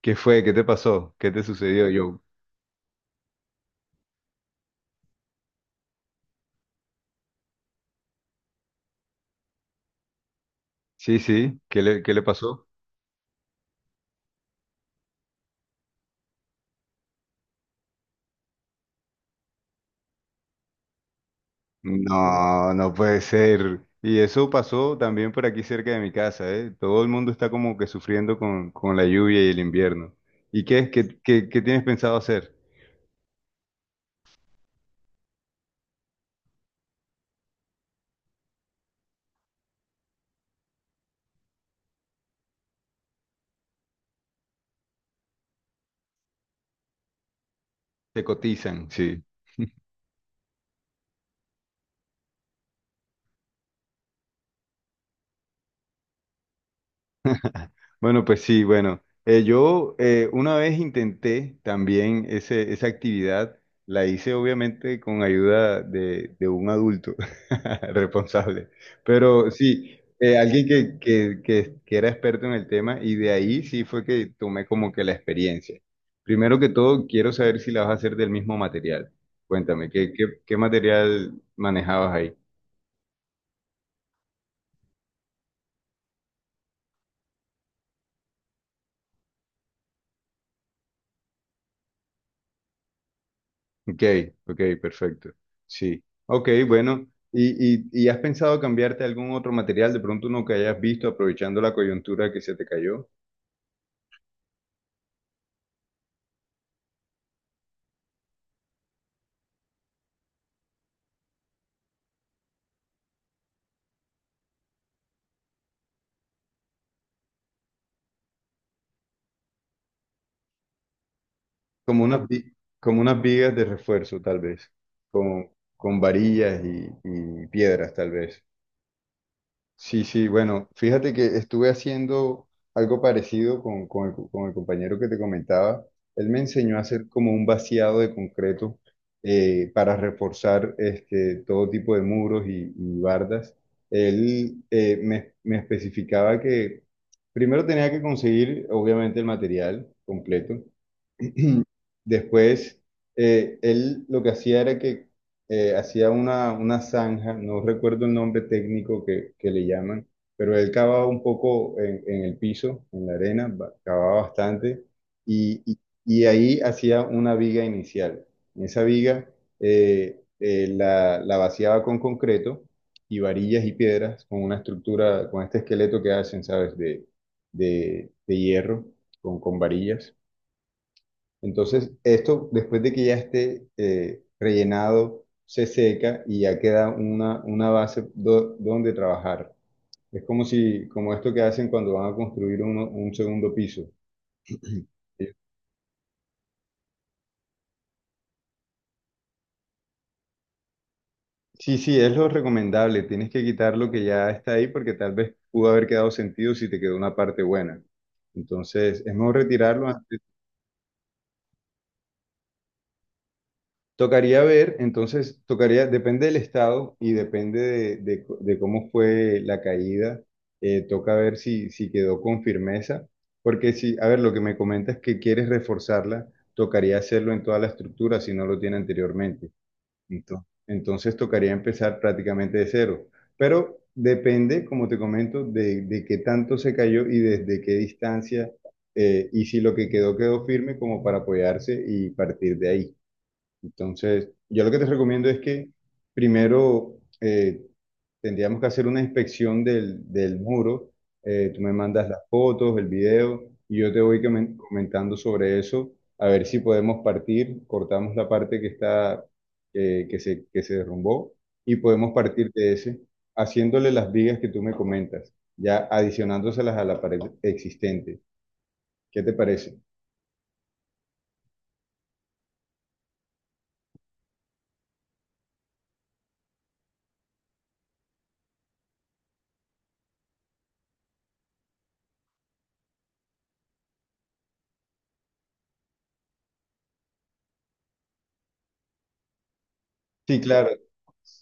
¿Qué fue? ¿Qué te pasó? ¿Qué te sucedió, Joe? Sí, sí, qué le pasó? No, no puede ser. Y eso pasó también por aquí cerca de mi casa, ¿eh? Todo el mundo está como que sufriendo con la lluvia y el invierno. ¿Y qué es? ¿Qué, qué tienes pensado hacer? Te cotizan, sí. Bueno, pues sí, bueno, yo una vez intenté también esa actividad, la hice obviamente con ayuda de un adulto responsable, pero sí, alguien que era experto en el tema y de ahí sí fue que tomé como que la experiencia. Primero que todo, quiero saber si la vas a hacer del mismo material. Cuéntame, ¿qué, qué material manejabas ahí? Ok, ok, perfecto. Sí. Ok, bueno. ¿Y, y has pensado cambiarte algún otro material, de pronto uno que hayas visto aprovechando la coyuntura que se te cayó? Como unas, vi- Como unas vigas de refuerzo, tal vez, con, con varillas y piedras, tal vez. Sí, sí, bueno, fíjate que estuve haciendo algo parecido con, con el compañero que te comentaba. Él me enseñó a hacer como un vaciado de concreto para reforzar este, todo tipo de muros y bardas. Él me especificaba que primero tenía que conseguir, obviamente, el material completo. Después, él lo que hacía era que hacía una zanja. No recuerdo el nombre técnico que le llaman, pero él cavaba un poco en el piso, en la arena, cavaba bastante, y, y- y ahí hacía una viga inicial. En esa viga la vaciaba con concreto y varillas y piedras, con una estructura, con este esqueleto que hacen, ¿sabes?, de hierro, con varillas. Entonces, esto después de que ya esté rellenado, se seca y ya queda una base donde trabajar. Es como si, como esto que hacen cuando van a construir un segundo piso. Eh, Sí, sí, es lo recomendable. Tienes que quitar lo que ya está ahí porque tal vez pudo haber quedado sentido si te quedó una parte buena. Entonces, es mejor retirarlo. Tocaría ver, entonces, tocaría, depende del estado y depende de, de cómo fue la caída, toca ver si, si quedó con firmeza, porque si, a ver, lo que me comentas es que quieres reforzarla, tocaría hacerlo en toda la estructura si no lo tiene anteriormente. Entonces tocaría empezar prácticamente de cero, pero depende, como te comento, de qué tanto se cayó y desde qué distancia, y si lo que quedó quedó firme como para apoyarse y partir de ahí. Entonces, yo lo que te recomiendo es que primero tendríamos que hacer una inspección del, del muro. Tú me mandas las fotos, el video, y yo te voy comentando sobre eso, a ver si podemos partir, cortamos la parte que está, que se derrumbó, y podemos partir de ese, haciéndole las vigas que tú me comentas, ya adicionándoselas a la pared existente. ¿Qué te parece? Sí, claro.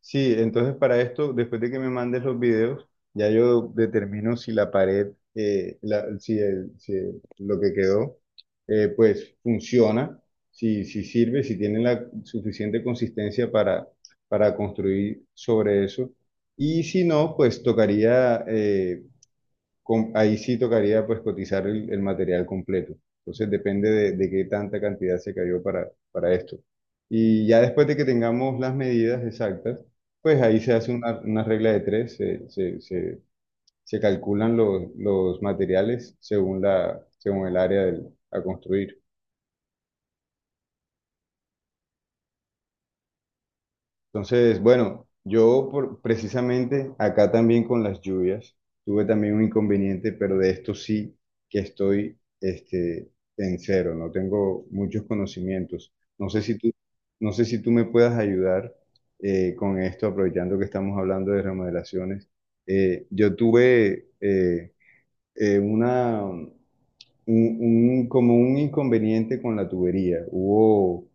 Sí, entonces para esto, después de que me mandes los videos, ya yo determino si la pared, la- si, el- si el- lo que quedó, pues funciona, si, si sirve, si tiene la suficiente consistencia para construir sobre eso. Y si no, pues tocaría, ahí sí tocaría pues cotizar el material completo. Entonces depende de qué tanta cantidad se cayó para esto. Y ya después de que tengamos las medidas exactas, pues ahí se hace una regla de tres, se calculan los materiales según la, según el área a construir. Entonces, bueno, precisamente acá también con las lluvias tuve también un inconveniente, pero de esto sí que estoy este, en cero, no tengo muchos conocimientos. No sé si tú, no sé si tú me puedas ayudar con esto, aprovechando que estamos hablando de remodelaciones. Yo tuve eh, una, un, como un inconveniente con la tubería.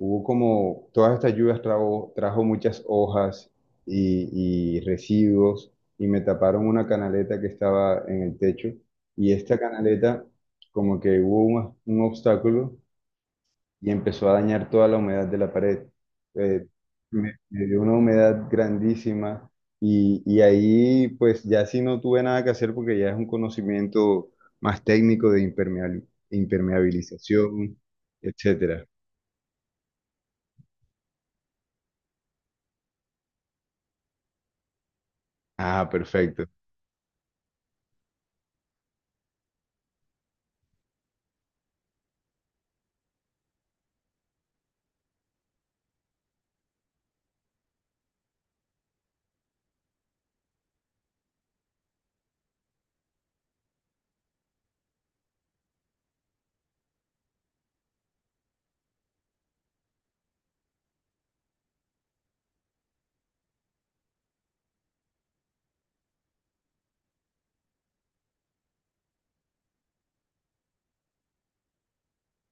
Hubo como todas estas lluvias trajo, trajo muchas hojas y residuos y me taparon una canaleta que estaba en el techo y esta canaleta como que hubo un obstáculo y empezó a dañar toda la humedad de la pared. Eh, me dio una humedad grandísima y ahí pues ya sí no tuve nada que hacer porque ya es un conocimiento más técnico de impermeabilización, etcétera. Ah, perfecto.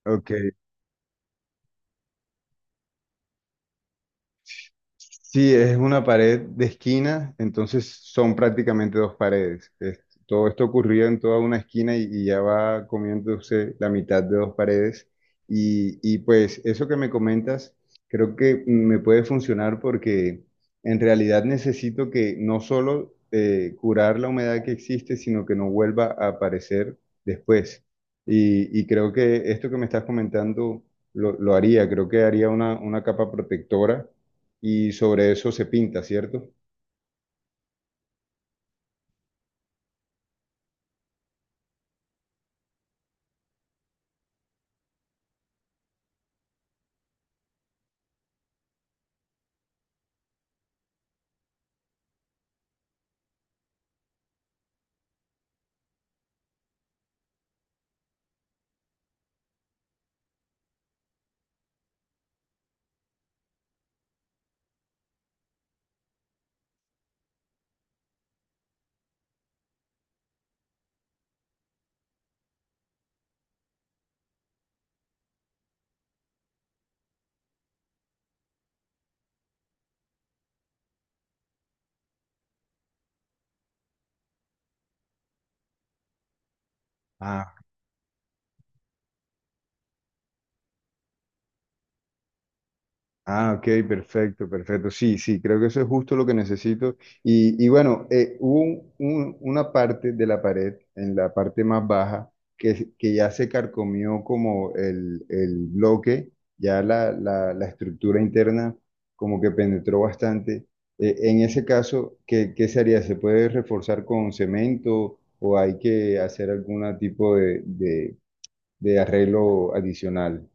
Ok, sí, es una pared de esquina, entonces son prácticamente dos paredes. Todo esto ocurrió en toda una esquina y ya va comiéndose la mitad de dos paredes. Y pues eso que me comentas, creo que me puede funcionar porque en realidad necesito que no solo curar la humedad que existe, sino que no vuelva a aparecer después. Y creo que esto que me estás comentando lo haría, creo que haría una capa protectora y sobre eso se pinta, ¿cierto? Ah, ah, ok, perfecto, perfecto. Sí, sí, creo que eso es justo lo que necesito. Y bueno, una parte de la pared, en la parte más baja, que ya se carcomió como el bloque, ya la estructura interna como que penetró bastante. En ese caso, ¿qué, qué se haría? ¿Se puede reforzar con cemento o hay que hacer algún tipo de arreglo adicional?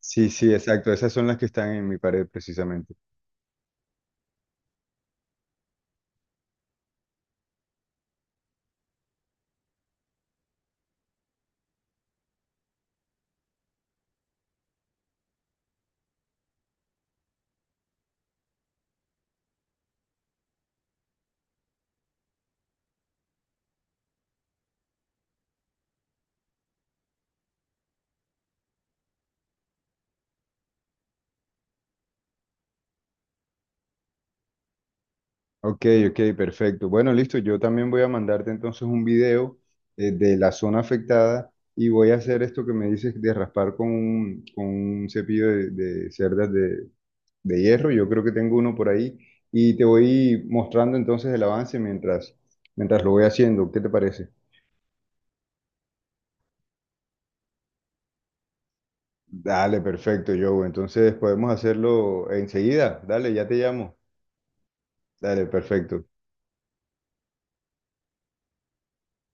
Sí, sí, exacto. Esas son las que están en mi pared precisamente. Ok, ok, perfecto. Bueno, listo. Yo también voy a mandarte entonces un video de la zona afectada y voy a hacer esto que me dices de raspar con un cepillo de, de hierro. Yo creo que tengo uno por ahí y te voy mostrando entonces el avance mientras, mientras lo voy haciendo. ¿Qué te parece? Dale, perfecto, Joe. Entonces podemos hacerlo enseguida. Dale, ya te llamo. Dale, perfecto.